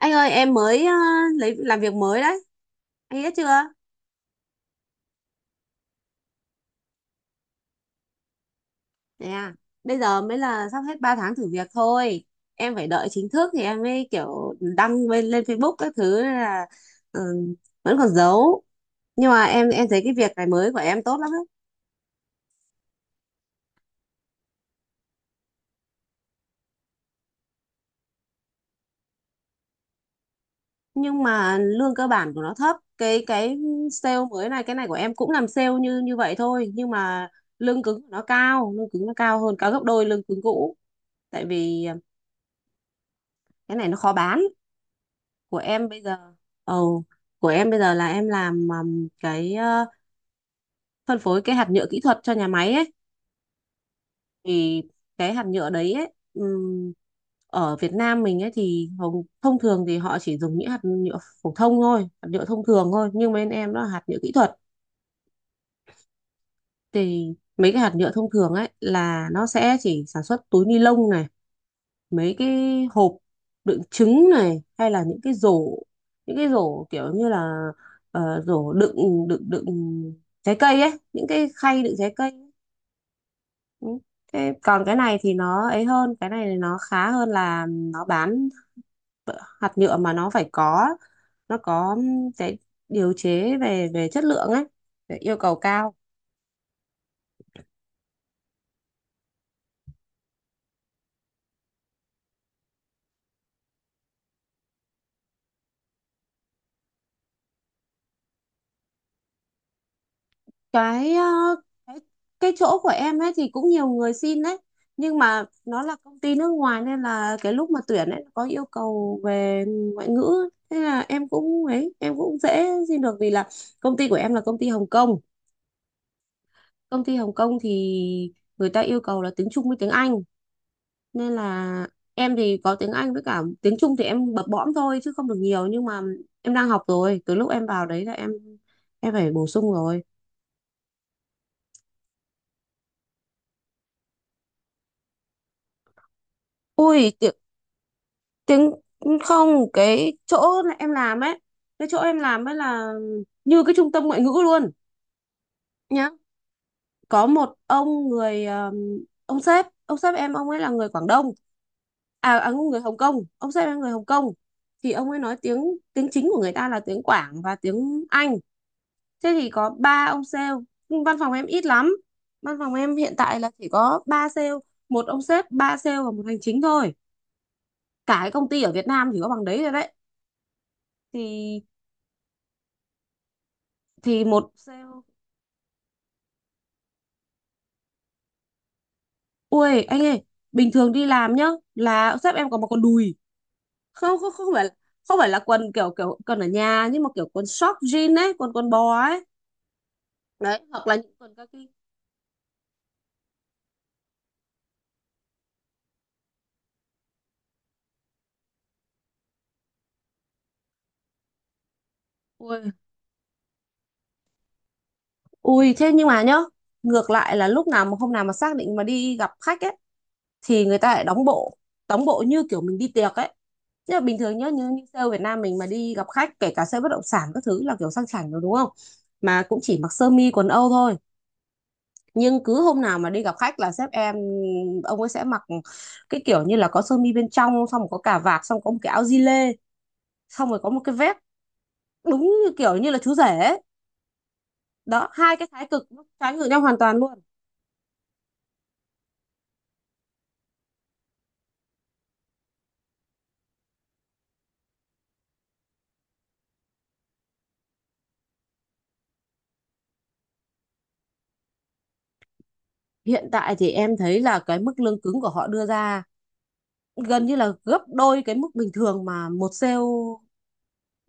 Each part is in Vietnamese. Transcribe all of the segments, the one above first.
Anh ơi em mới lấy làm việc mới đấy. Anh biết chưa? Thế à? Bây giờ mới là sắp hết 3 tháng thử việc thôi. Em phải đợi chính thức thì em mới kiểu đăng lên, lên Facebook các thứ nên là ừ, vẫn còn giấu. Nhưng mà em thấy cái việc này mới của em tốt lắm đấy. Nhưng mà lương cơ bản của nó thấp. Cái sale mới này, cái này của em cũng làm sale như như vậy thôi. Nhưng mà lương cứng của nó cao. Lương cứng nó cao hơn cả gấp đôi lương cứng cũ. Tại vì cái này nó khó bán, của em bây giờ. ồ của em bây giờ là em làm cái phân phối cái hạt nhựa kỹ thuật cho nhà máy ấy. Thì cái hạt nhựa đấy ấy ở Việt Nam mình ấy thì thông thường thì họ chỉ dùng những hạt nhựa phổ thông thôi, hạt nhựa thông thường thôi, nhưng bên em nó là hạt nhựa kỹ thuật. Thì mấy cái hạt nhựa thông thường ấy là nó sẽ chỉ sản xuất túi ni lông này, mấy cái hộp đựng trứng này, hay là những cái rổ, những cái rổ kiểu như là ờ, rổ đựng đựng đựng trái cây ấy, những cái khay đựng trái cây ấy. Ừ. Thế còn cái này thì nó ấy hơn, cái này nó khá hơn là nó bán hạt nhựa mà nó phải có, nó có cái điều chế về về chất lượng ấy, để yêu cầu cao. Cái cái chỗ của em ấy thì cũng nhiều người xin đấy, nhưng mà nó là công ty nước ngoài nên là cái lúc mà tuyển ấy có yêu cầu về ngoại ngữ, thế là em cũng ấy em cũng dễ xin được vì là công ty của em là công ty Hồng Kông. Công ty Hồng Kông thì người ta yêu cầu là tiếng Trung với tiếng Anh, nên là em thì có tiếng Anh với cả tiếng Trung thì em bập bõm thôi chứ không được nhiều, nhưng mà em đang học rồi. Từ lúc em vào đấy là em phải bổ sung rồi. Ui, tiếng không, cái chỗ em làm ấy, cái chỗ em làm ấy là như cái trung tâm ngoại ngữ luôn, nhá. Có một ông người ông sếp em, ông ấy là người Quảng Đông. À, à người Hồng Kông, ông sếp em người Hồng Kông. Thì ông ấy nói tiếng tiếng chính của người ta là tiếng Quảng và tiếng Anh. Thế thì có 3 ông sale, nhưng văn phòng em ít lắm. Văn phòng em hiện tại là chỉ có 3 sale, một ông sếp, 3 sale và một hành chính thôi. Cả cái công ty ở Việt Nam chỉ có bằng đấy rồi đấy. Thì một sale. Ui anh ơi, bình thường đi làm nhá là sếp em có mặc quần đùi. Không, không, không phải, không phải là quần kiểu kiểu quần ở nhà, nhưng mà kiểu quần short jean ấy, quần quần bò ấy, đấy, hoặc là những quần kaki. Ui Ui, thế nhưng mà nhá, ngược lại là lúc nào mà hôm nào mà xác định mà đi gặp khách ấy thì người ta lại đóng bộ, đóng bộ như kiểu mình đi tiệc ấy. Chứ là bình thường nhá, như sale Việt Nam mình mà đi gặp khách, kể cả sale bất động sản các thứ là kiểu sang chảnh rồi đúng không, mà cũng chỉ mặc sơ mi quần âu thôi. Nhưng cứ hôm nào mà đi gặp khách là sếp em, ông ấy sẽ mặc cái kiểu như là có sơ mi bên trong, xong rồi có cà vạt, xong có một cái áo gi lê, xong rồi có một cái vest, đúng như kiểu như là chú rể ấy. Đó, hai cái thái cực nó trái ngược nhau hoàn toàn luôn. Hiện tại thì em thấy là cái mức lương cứng của họ đưa ra gần như là gấp đôi cái mức bình thường mà một sale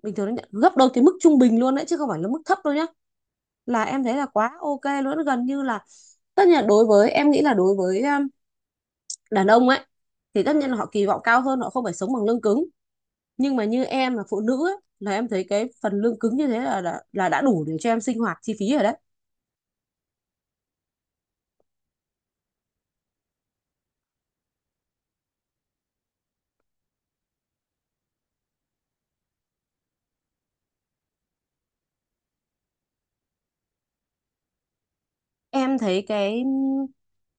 bình thường nó nhận, gấp đôi cái mức trung bình luôn đấy chứ không phải là mức thấp đâu nhá. Là em thấy là quá ok luôn, gần như là tất nhiên là đối với em nghĩ là đối với đàn ông ấy thì tất nhiên là họ kỳ vọng cao hơn, họ không phải sống bằng lương cứng, nhưng mà như em là phụ nữ ấy, là em thấy cái phần lương cứng như thế là đã đủ để cho em sinh hoạt chi phí rồi đấy. Em thấy cái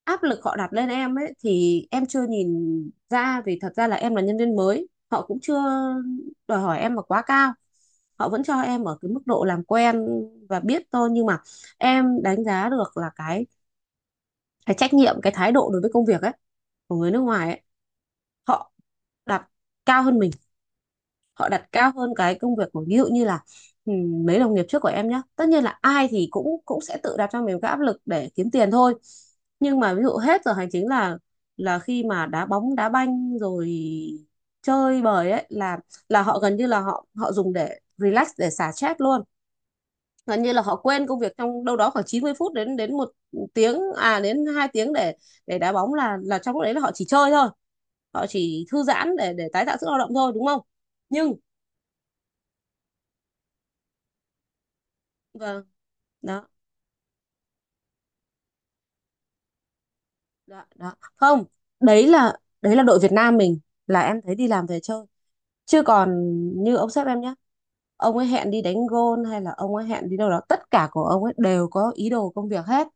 áp lực họ đặt lên em ấy thì em chưa nhìn ra, vì thật ra là em là nhân viên mới, họ cũng chưa đòi hỏi em là quá cao, họ vẫn cho em ở cái mức độ làm quen và biết thôi. Nhưng mà em đánh giá được là cái trách nhiệm, cái thái độ đối với công việc ấy của người nước ngoài ấy, họ đặt cao hơn mình. Họ đặt cao hơn cái công việc của, ví dụ như là, mấy đồng nghiệp trước của em nhé. Tất nhiên là ai thì cũng cũng sẽ tự đặt cho mình cái áp lực để kiếm tiền thôi, nhưng mà ví dụ hết giờ hành chính là khi mà đá bóng đá banh rồi, chơi bời ấy, là họ gần như là họ họ dùng để relax, để xả stress luôn. Gần như là họ quên công việc trong đâu đó khoảng 90 phút đến đến 1 tiếng, à đến 2 tiếng để đá bóng, là trong lúc đấy là họ chỉ chơi thôi, họ chỉ thư giãn để tái tạo sức lao động thôi đúng không. Nhưng vâng, đó, đó, đó. Không, đấy là đội Việt Nam mình là em thấy đi làm về chơi, chứ còn như ông sếp em nhé, ông ấy hẹn đi đánh gôn hay là ông ấy hẹn đi đâu đó, tất cả của ông ấy đều có ý đồ công việc hết,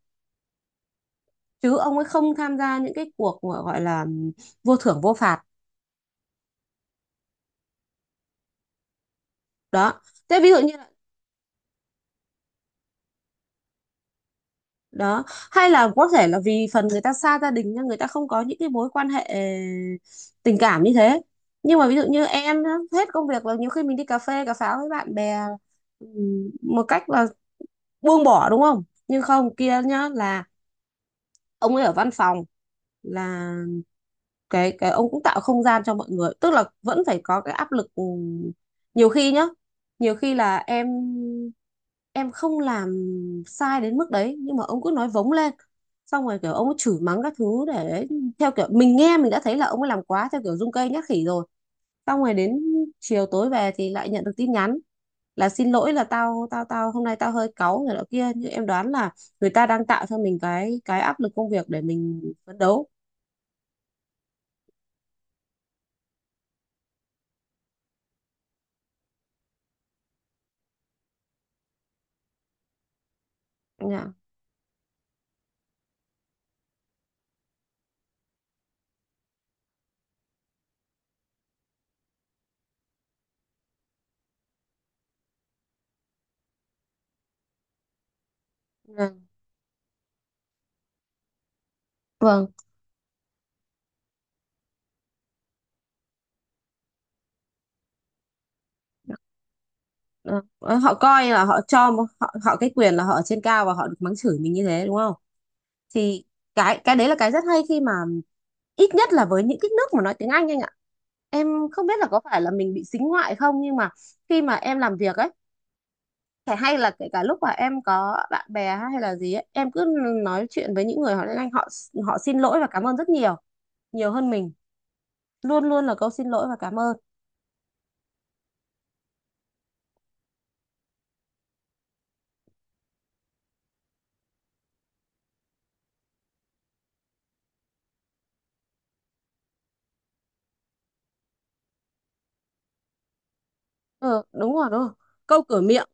chứ ông ấy không tham gia những cái cuộc mà gọi là vô thưởng vô phạt. Đó, thế ví dụ như đó, hay là có thể là vì phần người ta xa gia đình nên người ta không có những cái mối quan hệ tình cảm như thế. Nhưng mà ví dụ như em á, hết công việc là nhiều khi mình đi cà phê cà pháo với bạn bè, một cách là buông bỏ đúng không. Nhưng không, kia nhá, là ông ấy ở văn phòng là cái ông cũng tạo không gian cho mọi người, tức là vẫn phải có cái áp lực. Ừ, nhiều khi nhá, nhiều khi là em không làm sai đến mức đấy, nhưng mà ông cứ nói vống lên, xong rồi kiểu ông ấy chửi mắng các thứ, để theo kiểu mình nghe mình đã thấy là ông ấy làm quá theo kiểu rung cây nhát khỉ rồi. Xong rồi đến chiều tối về thì lại nhận được tin nhắn là xin lỗi, là tao tao tao hôm nay tao hơi cáu người đó kia, nhưng em đoán là người ta đang tạo cho mình cái áp lực công việc để mình phấn đấu. Dạ. Dạ. Vâng. Ờ, ờ, họ coi là họ họ cái quyền là họ ở trên cao và họ được mắng chửi mình như thế đúng không. Thì cái đấy là cái rất hay, khi mà ít nhất là với những cái nước mà nói tiếng anh ạ. Em không biết là có phải là mình bị sính ngoại không, nhưng mà khi mà em làm việc ấy, phải hay là kể cả lúc mà em có bạn bè hay là gì ấy, em cứ nói chuyện với những người họ tiếng Anh, họ họ xin lỗi và cảm ơn rất nhiều, nhiều hơn mình. Luôn luôn là câu xin lỗi và cảm ơn. Ừ, đúng rồi, đúng rồi, câu cửa miệng.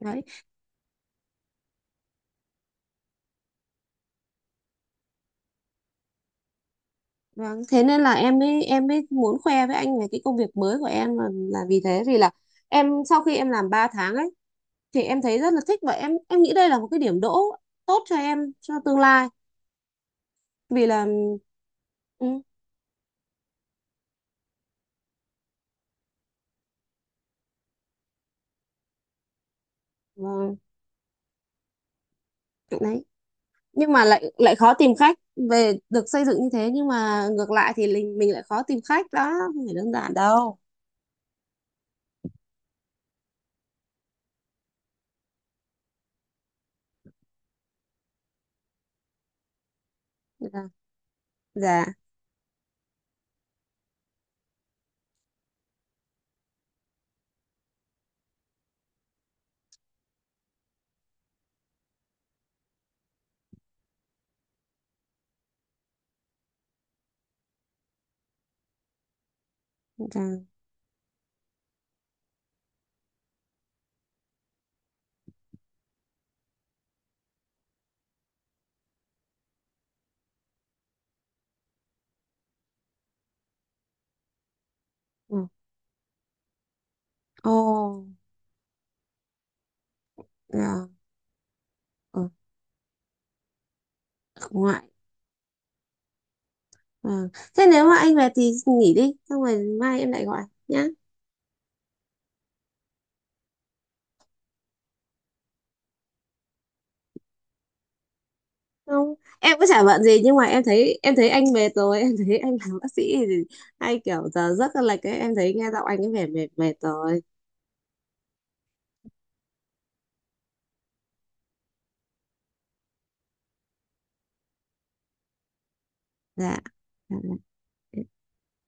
Đấy. Vâng, thế nên là em mới muốn khoe với anh về cái công việc mới của em, là, vì thế vì là em sau khi em làm 3 tháng ấy thì em thấy rất là thích, và em nghĩ đây là một cái điểm đỗ tốt cho em cho tương lai, vì là ừ, vâng, chỗ đấy nhưng mà lại lại khó tìm khách. Về được xây dựng như thế nhưng mà ngược lại thì mình lại khó tìm khách, đó không phải đơn giản đâu. Dạ, dạ, dạ. Ừ. Ồ, dạ. Ừ. Vâng. Thế nếu mà anh về thì nghỉ đi, xong rồi mai em lại gọi nhá. Không, em có chả bận gì, nhưng mà em thấy anh mệt rồi, em thấy anh làm bác sĩ thì hay kiểu giờ giấc là lệch ấy, em thấy nghe giọng anh ấy vẻ mệt mệt rồi. Dạ. Dạ. Dạ.